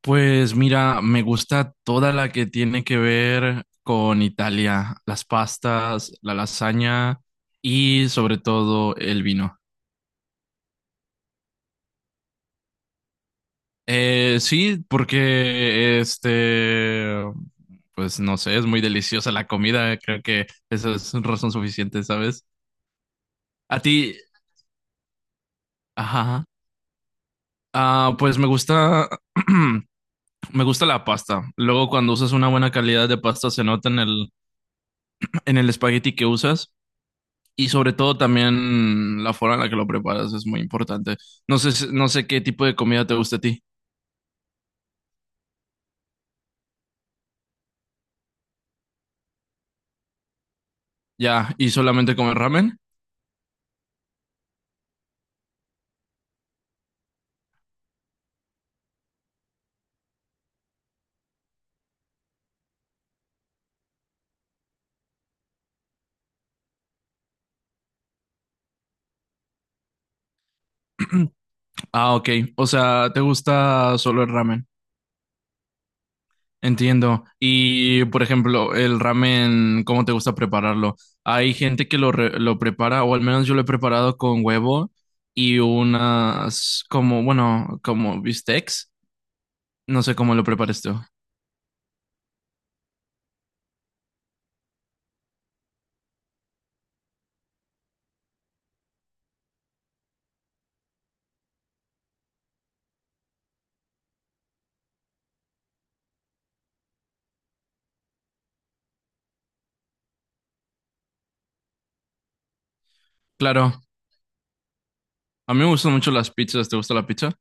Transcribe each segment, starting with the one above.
Pues mira, me gusta toda la que tiene que ver con Italia, las pastas, la lasaña y sobre todo el vino. Sí, porque pues no sé, es muy deliciosa la comida, creo que eso es razón suficiente, ¿sabes? A ti, ajá, pues me gusta, me gusta la pasta. Luego cuando usas una buena calidad de pasta se nota en el espagueti que usas. Y sobre todo también la forma en la que lo preparas es muy importante. No sé, no sé qué tipo de comida te gusta a ti. Ya, ¿y solamente comer ramen? Ah, ok. O sea, ¿te gusta solo el ramen? Entiendo. Y, por ejemplo, el ramen, ¿cómo te gusta prepararlo? Hay gente que lo prepara, o al menos yo lo he preparado con huevo y unas, como, bueno, como bistecs. No sé cómo lo preparas tú. Claro, a mí me gustan mucho las pizzas. ¿Te gusta la pizza?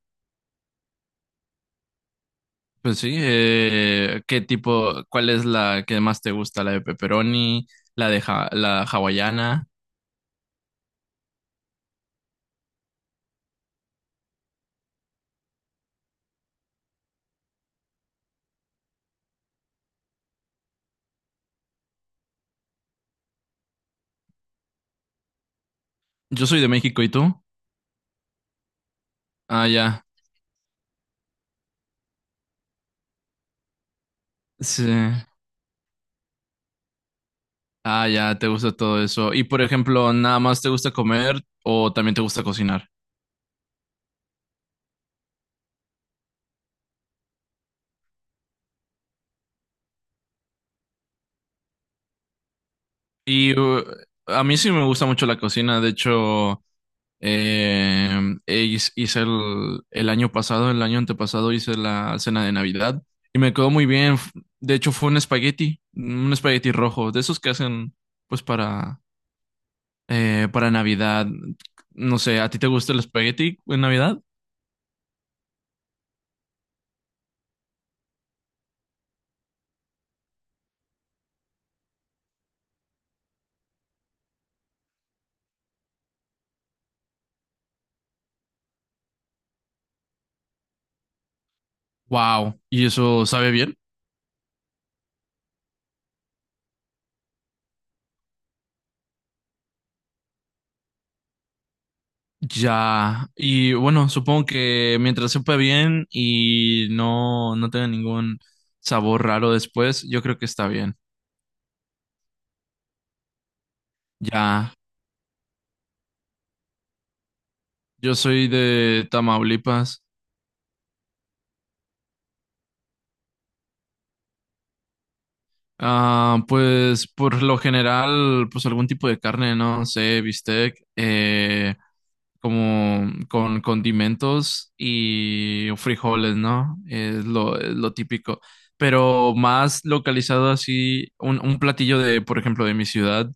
Pues sí, ¿qué tipo, cuál es la que más te gusta? ¿La de pepperoni, la la hawaiana? Yo soy de México, ¿y tú? Ah, ya, sí. Ah, ya, te gusta todo eso. Y por ejemplo, ¿nada más te gusta comer o también te gusta cocinar? Y uh, a mí sí me gusta mucho la cocina, de hecho, Eh, e hice el año pasado, el año antepasado hice la cena de Navidad y me quedó muy bien. De hecho, fue un espagueti rojo, de esos que hacen pues para, para Navidad. No sé, ¿a ti te gusta el espagueti en Navidad? Wow, ¿y eso sabe bien? Ya, y bueno, supongo que mientras sepa bien y no, no tenga ningún sabor raro después, yo creo que está bien. Ya. Yo soy de Tamaulipas. Ah, pues por lo general, pues algún tipo de carne, no sé, bistec, como con condimentos y frijoles, ¿no? Es lo típico. Pero más localizado así, un platillo de, por ejemplo, de mi ciudad,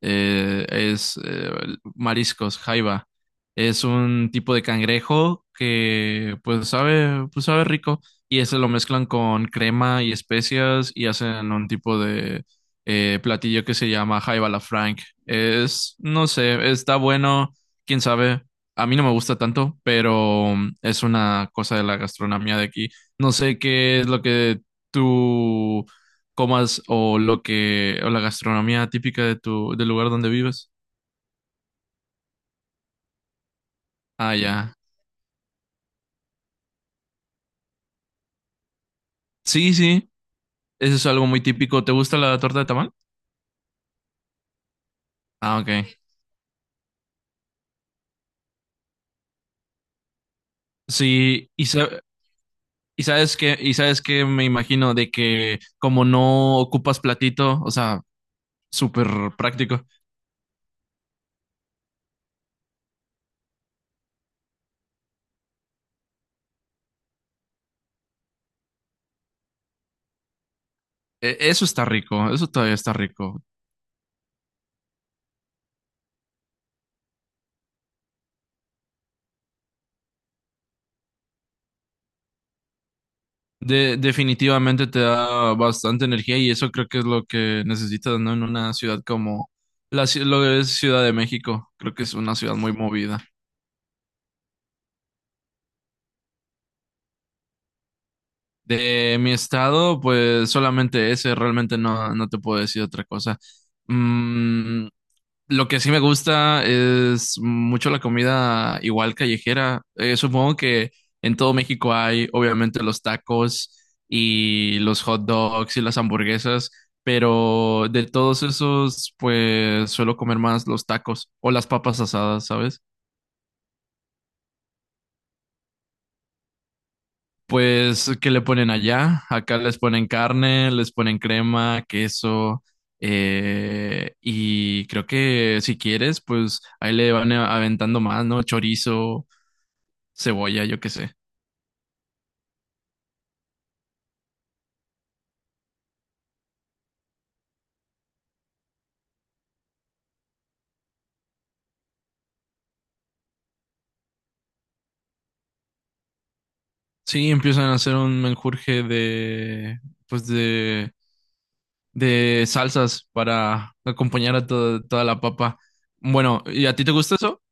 es mariscos, jaiba. Es un tipo de cangrejo que pues sabe rico. Y ese lo mezclan con crema y especias y hacen un tipo de platillo que se llama Jaiba la Frank. Es, no sé, está bueno, quién sabe. A mí no me gusta tanto, pero es una cosa de la gastronomía de aquí. No sé qué es lo que tú comas o lo que, o la gastronomía típica de tu, del lugar donde vives. Ah, ya. Sí, sí, eso es algo muy típico. ¿Te gusta la torta de tamal? Ah, ok. Sí, y sa- y sabes que me imagino de que como no ocupas platito, o sea, súper práctico. Eso está rico, eso todavía está rico. Definitivamente te da bastante energía y eso creo que es lo que necesitas, ¿no? En una ciudad como lo que es Ciudad de México, creo que es una ciudad muy movida. De mi estado, pues solamente ese, realmente no, no te puedo decir otra cosa. Mm, Lo que sí me gusta es mucho la comida igual callejera. Supongo que en todo México hay obviamente los tacos y los hot dogs y las hamburguesas, pero de todos esos pues suelo comer más los tacos o las papas asadas, ¿sabes? Pues, ¿qué le ponen allá? Acá les ponen carne, les ponen crema, queso. Y creo que si quieres, pues ahí le aventando más, ¿no? Chorizo, cebolla, yo qué sé. Sí, empiezan a hacer un menjurje pues de, de salsas para acompañar a toda la papa. Bueno, ¿y a ti te gusta eso?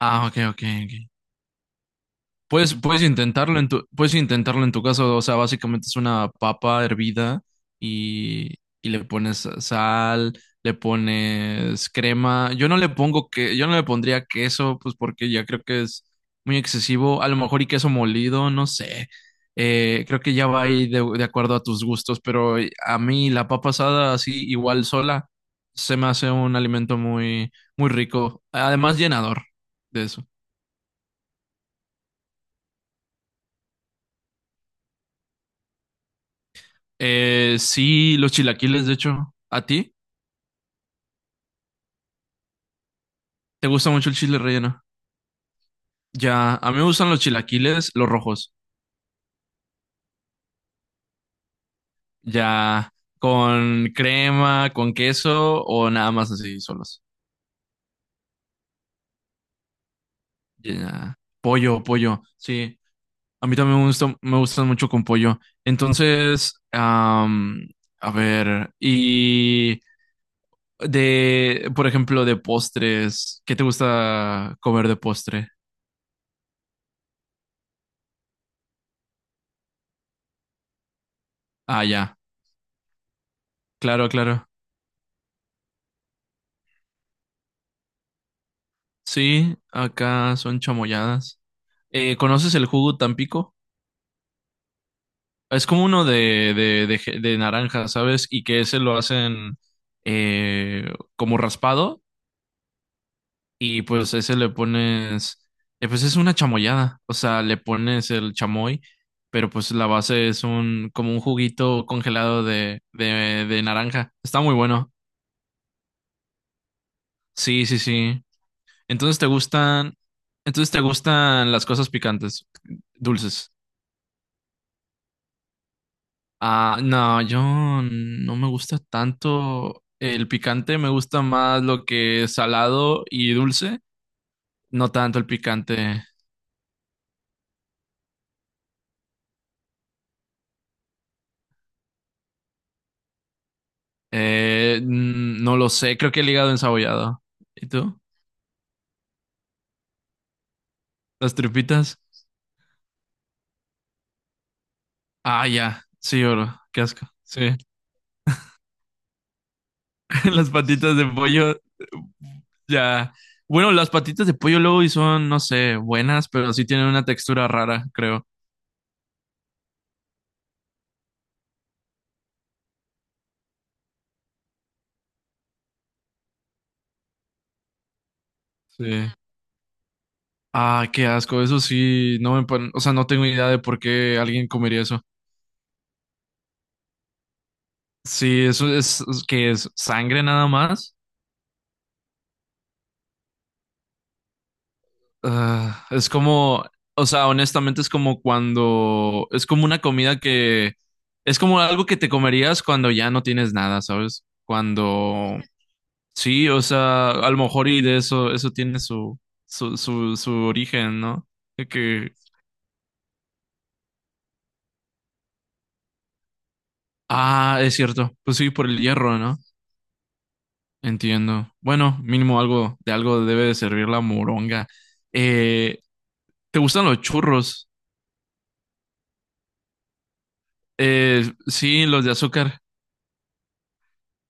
Ah, ok, ok, ok. Puedes intentarlo puedes intentarlo en tu caso, o sea, básicamente es una papa hervida y, y le pones sal, le pones crema. Yo no le pondría queso, pues porque ya creo que es muy excesivo. A lo mejor y queso molido, no sé. Creo que ya va ahí de acuerdo a tus gustos, pero a mí la papa asada así igual sola se me hace un alimento muy rico, además llenador de eso. Sí, los chilaquiles, de hecho. ¿A ti? ¿Te gusta mucho el chile relleno? Ya, a mí me gustan los chilaquiles, los rojos. Ya, con crema, con queso o nada más así, solos. Ya, pollo, pollo, sí. A mí también me gusta, me gustan mucho con pollo. Entonces, a ver, y por ejemplo, de postres, ¿qué te gusta comer de postre? Ah, ya, claro, claro. Sí, acá son chamoyadas. ¿Conoces el jugo Tampico? Es como uno de naranja, ¿sabes? Y que ese lo hacen como raspado y pues es una chamoyada, o sea, le pones el chamoy, pero pues la base es un como un juguito congelado de naranja. Está muy bueno. Sí, sí, sí. Entonces te gustan, entonces te gustan las cosas picantes, dulces. Ah, no, yo no me gusta tanto el picante, me gusta más lo que es salado y dulce, no tanto el picante. No lo sé, creo que el hígado ensabollado. ¿Y tú? ¿Las tripitas? Ah, ya, sí, oro, qué asco. Sí, las patitas de pollo, ya. Bueno, las patitas de pollo luego y son, no sé, buenas, pero sí tienen una textura rara, creo. Sí. Ah, qué asco, eso sí, no me, pon- o sea, no tengo idea de por qué alguien comería eso. Sí, que es sangre nada más. Ah, es como, o sea, honestamente es como cuando, es como una comida que, es como algo que te comerías cuando ya no tienes nada, ¿sabes? Cuando, sí, o sea, a lo mejor y de eso, eso tiene su, su origen, ¿no? De que, ah, es cierto, pues sí, por el hierro, ¿no? Entiendo. Bueno, mínimo algo de algo debe de servir la moronga. Eh, ¿Te gustan los churros? Sí, los de azúcar.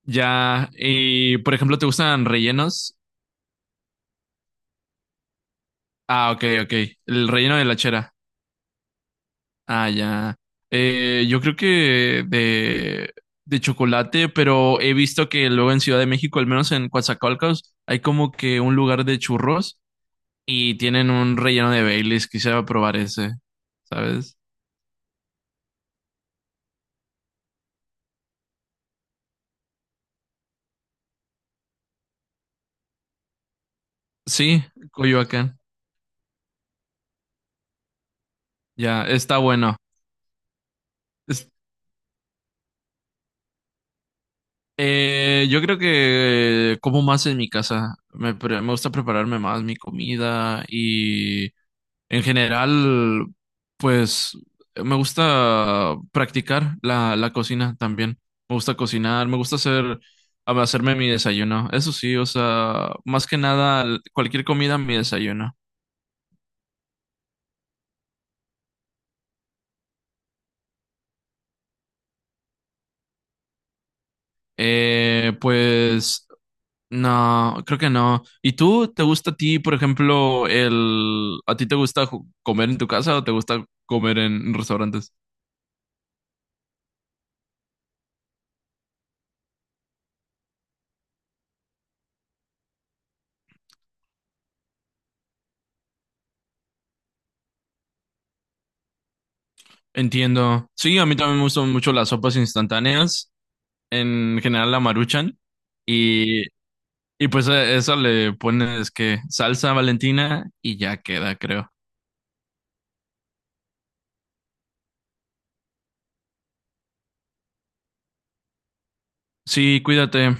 Ya. Y, por ejemplo, ¿te gustan rellenos? Ah, ok, ok. El relleno de la chera. Ah, ya. Yo creo que de chocolate, pero he visto que luego en Ciudad de México, al menos en Coatzacoalcos, hay como que un lugar de churros y tienen un relleno de Baileys. Quisiera probar ese, ¿sabes? Sí, Coyoacán. Ya, está bueno. Es- yo creo que como más en mi casa. Me gusta prepararme más mi comida y en general, pues me gusta practicar la cocina también. Me gusta cocinar, me gusta hacer, hacerme mi desayuno. Eso sí, o sea, más que nada, cualquier comida, mi desayuno. Eh, pues No, creo que no. ¿Y tú, te gusta a ti, por ejemplo, el... ¿A ti te gusta comer en tu casa o te gusta comer en restaurantes? Entiendo. Sí, a mí también me gustan mucho las sopas instantáneas, en general la Maruchan. Y, y pues a eso le pones que salsa Valentina y ya queda, creo. Sí, cuídate.